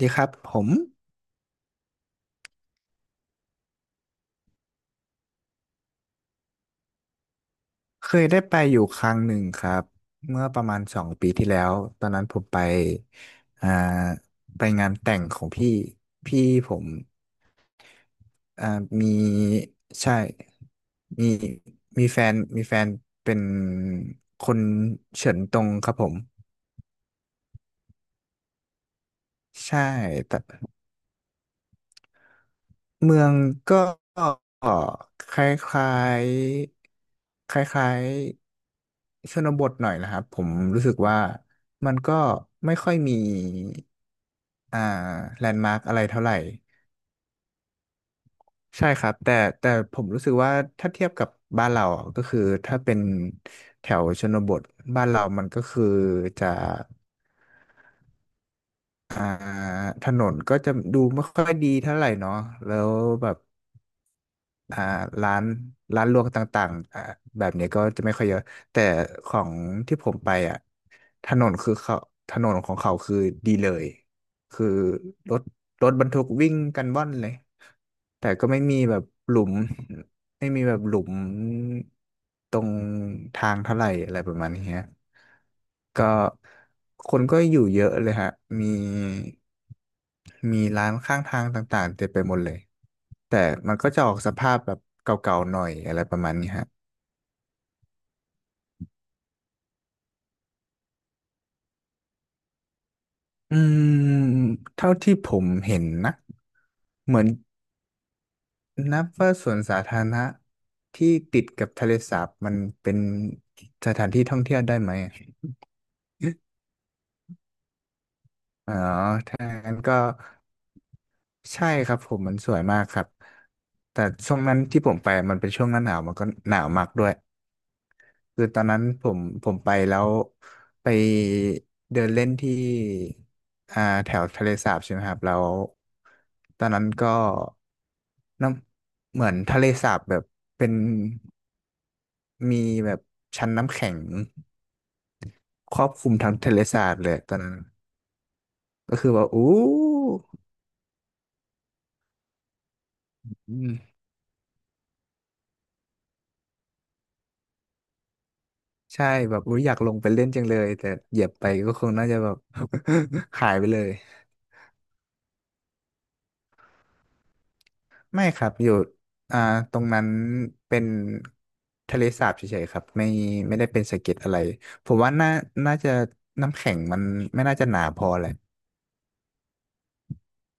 ดีครับผมเคยได้ไปอยู่ครั้งหนึ่งครับเมื่อประมาณ2 ปีที่แล้วตอนนั้นผมไปอ่าไปงานแต่งของพี่ผมอ่ามีใช่มีมีแฟนเป็นคนเฉินตงครับผมใช่แต่ เมืองก็คล้ายๆคล้ายๆชนบทหน่อยนะครับผมรู้สึกว่ามันก็ไม่ค่อยมีอ่าแลนด์มาร์กอะไรเท่าไหร่ใช่ครับแต่ผมรู้สึกว่าถ้าเทียบกับบ้านเราอ่ะก็คือถ้าเป็นแถวชนบทบ้านเรามันก็คือจะอ่าถนนก็จะดูไม่ค่อยดีเท่าไหร่เนาะแล้วแบบ อ่าร้านร้านรวงต่างๆอ่าแบบนี้ก็จะไม่ค่อยเยอะแต่ของที่ผมไปอ่ะถนนคือเขาถนนของเขาคือดีเลยคือรถรถบรรทุกวิ่งกันว่อนเลยแต่ก็ไม่มีแบบหลุม ไม่มีแบบหลุมตรงทางเท่าไหร่อะไรประมาณนี้ฮะก็คนก็อยู่เยอะเลยฮะมีมีร้านข้างทางต่างๆเต็มไปหมดเลยแต่มันก็จะออกสภาพแบบเก่าๆหน่อยอะไรประมาณนี้ฮะอืมเท่าที่ผมเห็นนะเหมือนนับว่าสวนสาธารณะที่ติดกับทะเลสาบมันเป็นสถานที่ท่องเที่ยวได้ไหมอะ อ๋อถ้างั้นก็ ใช่ครับผมมันสวยมากครับแต่ช่วงนั้นที่ผมไปมันเป็นช่วงหน้าหนาวมันก็หนาวมากด้วยคือตอนนั้นผมไปแล้วไปเดินเล่นที่แถวทะเลสาบใช่ไหมครับแล้วตอนนั้นก็น้ำเหมือนทะเลสาบแบบเป็นมีแบบชั้นน้ำแข็งครอบคลุมทั้งทะเลสาบเลยตอนนั้นก็คือว่าอู้ ใช่แบบอุ๊ยอยากลงไปเล่นจังเลยแต่เหยียบไปก็คงน่าจะแบบ หายไปเลยไม่ครับอยู่อ่าตรงนั้นเป็นทะเลสาบเฉยๆครับไม่ได้เป็นสะเก็ดอะไรผมว่าน่าจะน้ำแข็งมันไม่น่าจะหนาพอแหละ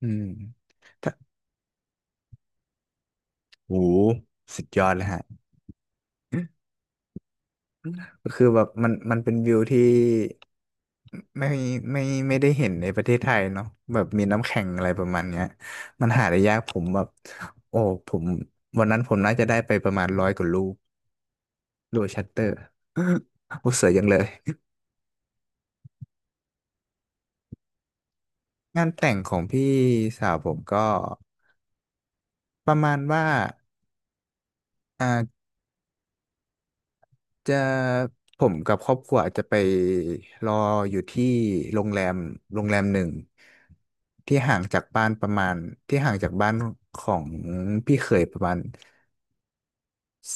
อืมถ้าโหสุดยอดเลยฮะ ก็คือแบบมันมันเป็นวิวที่ไม่ไม่ไม่ได้เห็นในประเทศไทยเนาะแบบมีน้ำแข็งอะไรประมาณเนี้ยมันหาได้ยากผมแบบโอ้ผมวันนั้นผมน่าจะได้ไปประมาณ100 กว่าลูกโดยชัตเตอร์ โอ้เสวยยังเลยงานแต่งของพี่สาวผมก็ประมาณว่าอ่า จะผมกับครอบครัวอาจจะไปรออยู่ที่โรงแรมโรงแรมหนึ่งที่ห่างจากบ้านประมาณที่ห่างจากบ้านของพี่เขยประมาณ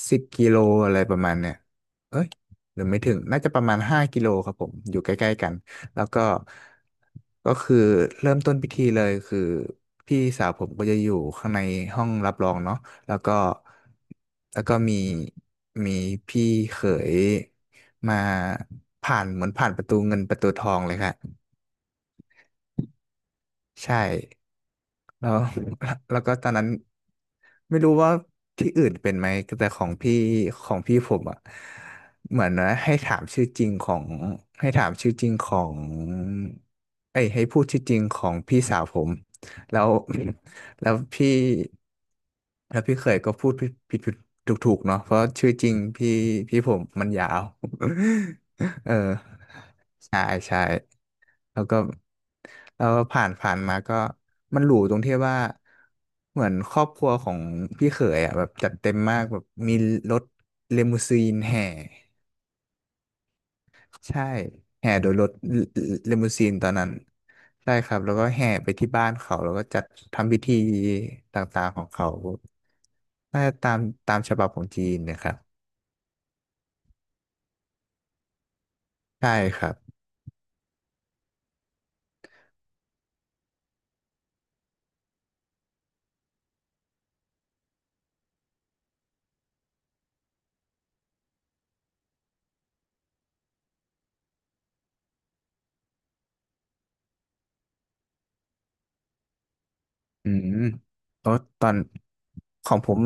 10 กิโลอะไรประมาณเนี่ยเอ้ยหรือไม่ถึง น่าจะประมาณ5 กิโลครับผม อยู่ใกล้ๆกัน แล้วก็ก็คือเริ่มต้นพิธีเลยคือพี่สาวผมก็จะอยู่ข้างในห้องรับรองเนาะแล้วก็ แล้วก็มีพี่เขยมาผ่านเหมือนผ่านประตูเงินประตูทองเลยครับใช่ แล้ว แล้วก็ตอนนั้นไม่รู้ว่าที่อื่นเป็นไหมแต่ของพี่ผมอ่ะเหมือนว่าให้ถามชื่อจริงของเอ้ยให้พูดชื่อจริงของพี่สาวผมแล้ว แล้วพี่แล้วพี่เขยก็พูดผิดผิดถูกถูกๆเนาะเพราะชื่อจริงพี่ผมมันยาว เออ แล้วก็แล้วผ่านผ่านมาก็มันหรูตรงที่ว่าเหมือนครอบครัวของพี่เขยอ่ะแบบจัดเต็มมากแบบมีรถเลมูซีนแห่ใช่แห่โดยรถเลมูซีนตอนนั้นใช่ครับแล้วก็แห่ไปที่บ้านเขาแล้วก็จัดทำพิธีต่างๆของเขาน่าจะตามฉบับของจีนนะครับใช่ครับ อืมโอ้ตอนของผม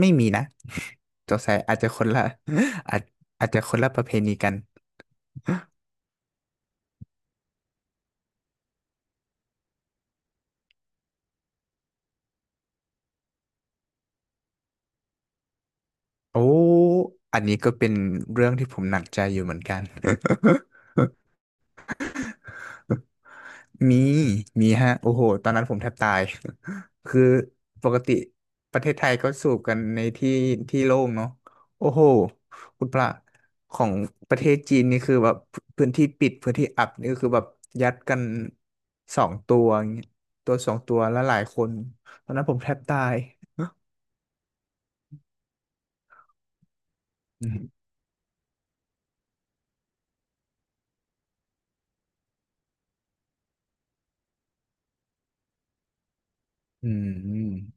ไม่มีนะ สงสัยอาจจะคนละ อาจอาจจะคนละประเพณีกันโอ้อันนี้ก็เป็นเรื่องที่ผมหนักใจอยู่เหมือนกัน มีมีฮะโอ้โหตอนนั้นผมแทบตาย คือปกติประเทศไทยก็สูบกันในที่ที่โล่งเนาะโอ้โหคุณพระของประเทศจีนนี่คือแบบพื้นที่ปิดพื้นที่อับนี่ก็คือแบบยัดกันสองตัวอย่างเงี้ยตัวสองตัวแล้วหลายคนตอนนั้นผมแทบตายอืมอืม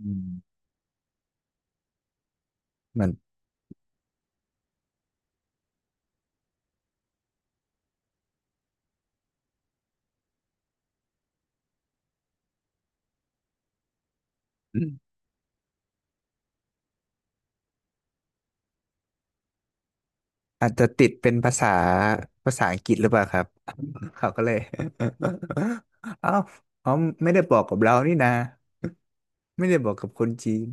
อืมเหมือนอมอาจจะติดเป็นภาษาอังกฤษหรือเปล่าครับ เขาก็เลย เอ้าเขาไม่ได้บอกกับเรานี่นะไม่ได้บอกกับคนจีน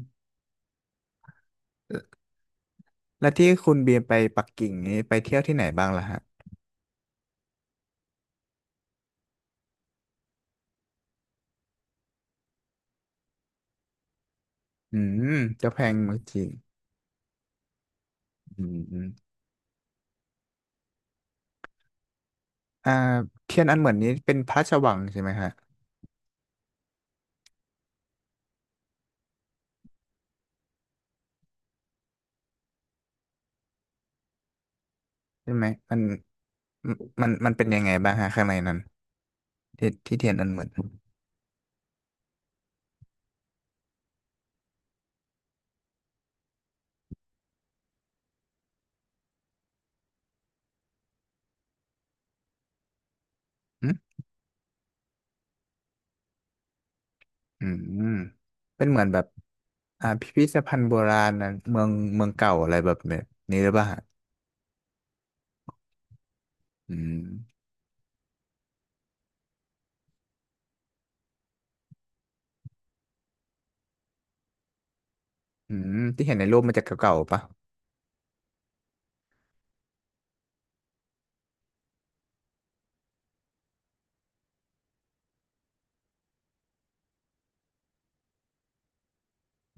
แล้วที่คุณเบียร์ไปปักกิ่งนี้ไปเที่ยวที่ไหนบ้างล่ะฮะอืมเจ้าแพงเมืองจีนอืมอืมอ่าเทียนอันเหมือนนี้เป็นพระราชวังใช่ไหมฮะใช่ไหมมันมันมันเป็นยังไงบ้างฮะข้างในนั้นที่เทียนอันเหมือนอืมอืมเป็นเหมือนแบบพิพิธภัณฑ์โบราณนะเมืองเก่าอะไรแบบนี้หรือเปล่าฮะอืม อืมที่เห็นในรูปมันจะเก่าๆปะ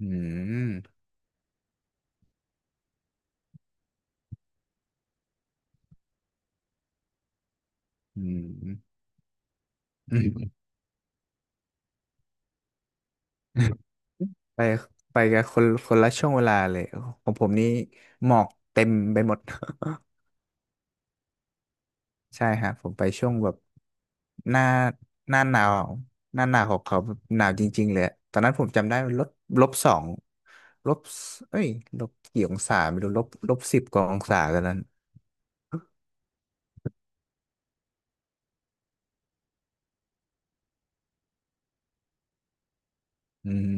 อืมอืมอืม ไปไปกับคนคนละช่วงเวลาเลยของผมนี่หมอกเต็มไปหมด ใช่ฮะผมไปช่วงแบบหน้าหน้าหนาวหน้าหนาวของเขาแบบหนาวจริงๆเลยอะตอนนั้นผมจำได้-2ลบเอ้ยลบกี่องศาไม่รู้-10 กว่าองศาตอนนั้น อืม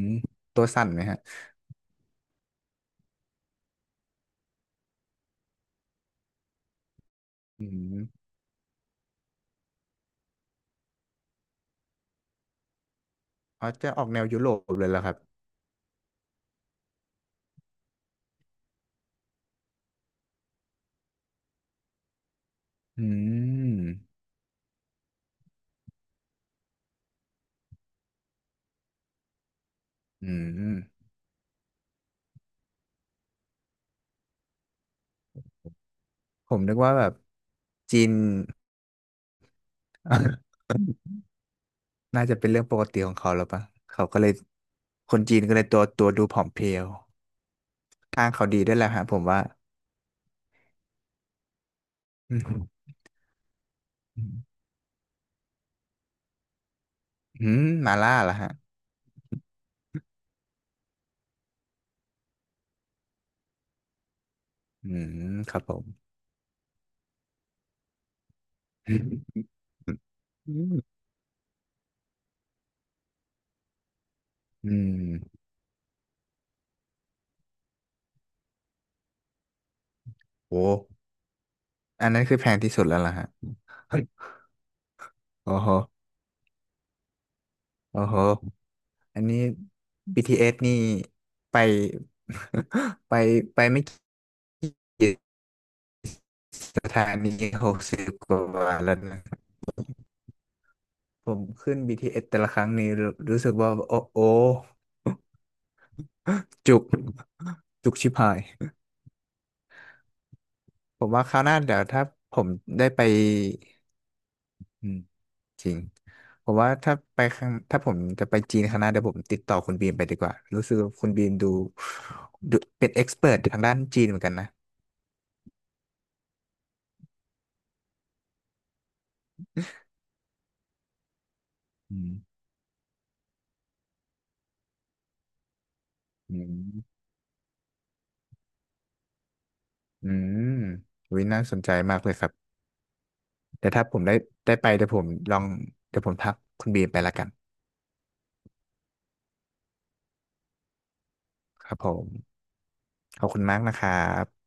ตัวสั่นไหมฮะอืม อ๋อจะออกแนวยุโรปเลยเลรอครับอืมอืมผมนึกว่าแบบจีน น่าจะเป็นเรื่องปกติของเขาแล้วปะเขาก็เลยคนจีนก็เลยตัวดูผอมเพรียวทางเขาดีด้วยแหละฮะผมว่าอืมอืมมาล่าเหรอฮะอืมครับผมอืมอืมโอ้อันนั้นคือแพงที่สุดแล้วล่ะฮะโอ้โหโอ้โหอันนี้ BTS นี่ไป ไปไม่กี่ สถานี60 กว่าบาทแล้วนะครับผมขึ้น BTS แต่ละครั้งนี้รู้สึกว่าโอ้โอจุกจุกชิบหายผมว่าคราวหน้าเดี๋ยวถ้าผมได้ไปอืมจริงผมว่าถ้าผมจะไปจีนครั้งหน้าเดี๋ยวผมติดต่อคุณบีมไปดีกว่ารู้สึกว่าคุณบีมดูเป็นเอ็กซ์เพรททางด้านจีนเหมือนกันนะอืมอืมอืมวิน่าสนใจมากเลยครับแต่ถ้าผมได้ไปเดี๋ยวผมลองเดี๋ยวผมทักคุณบีมไปละกันครับผม ขอบคุณมากนะครับ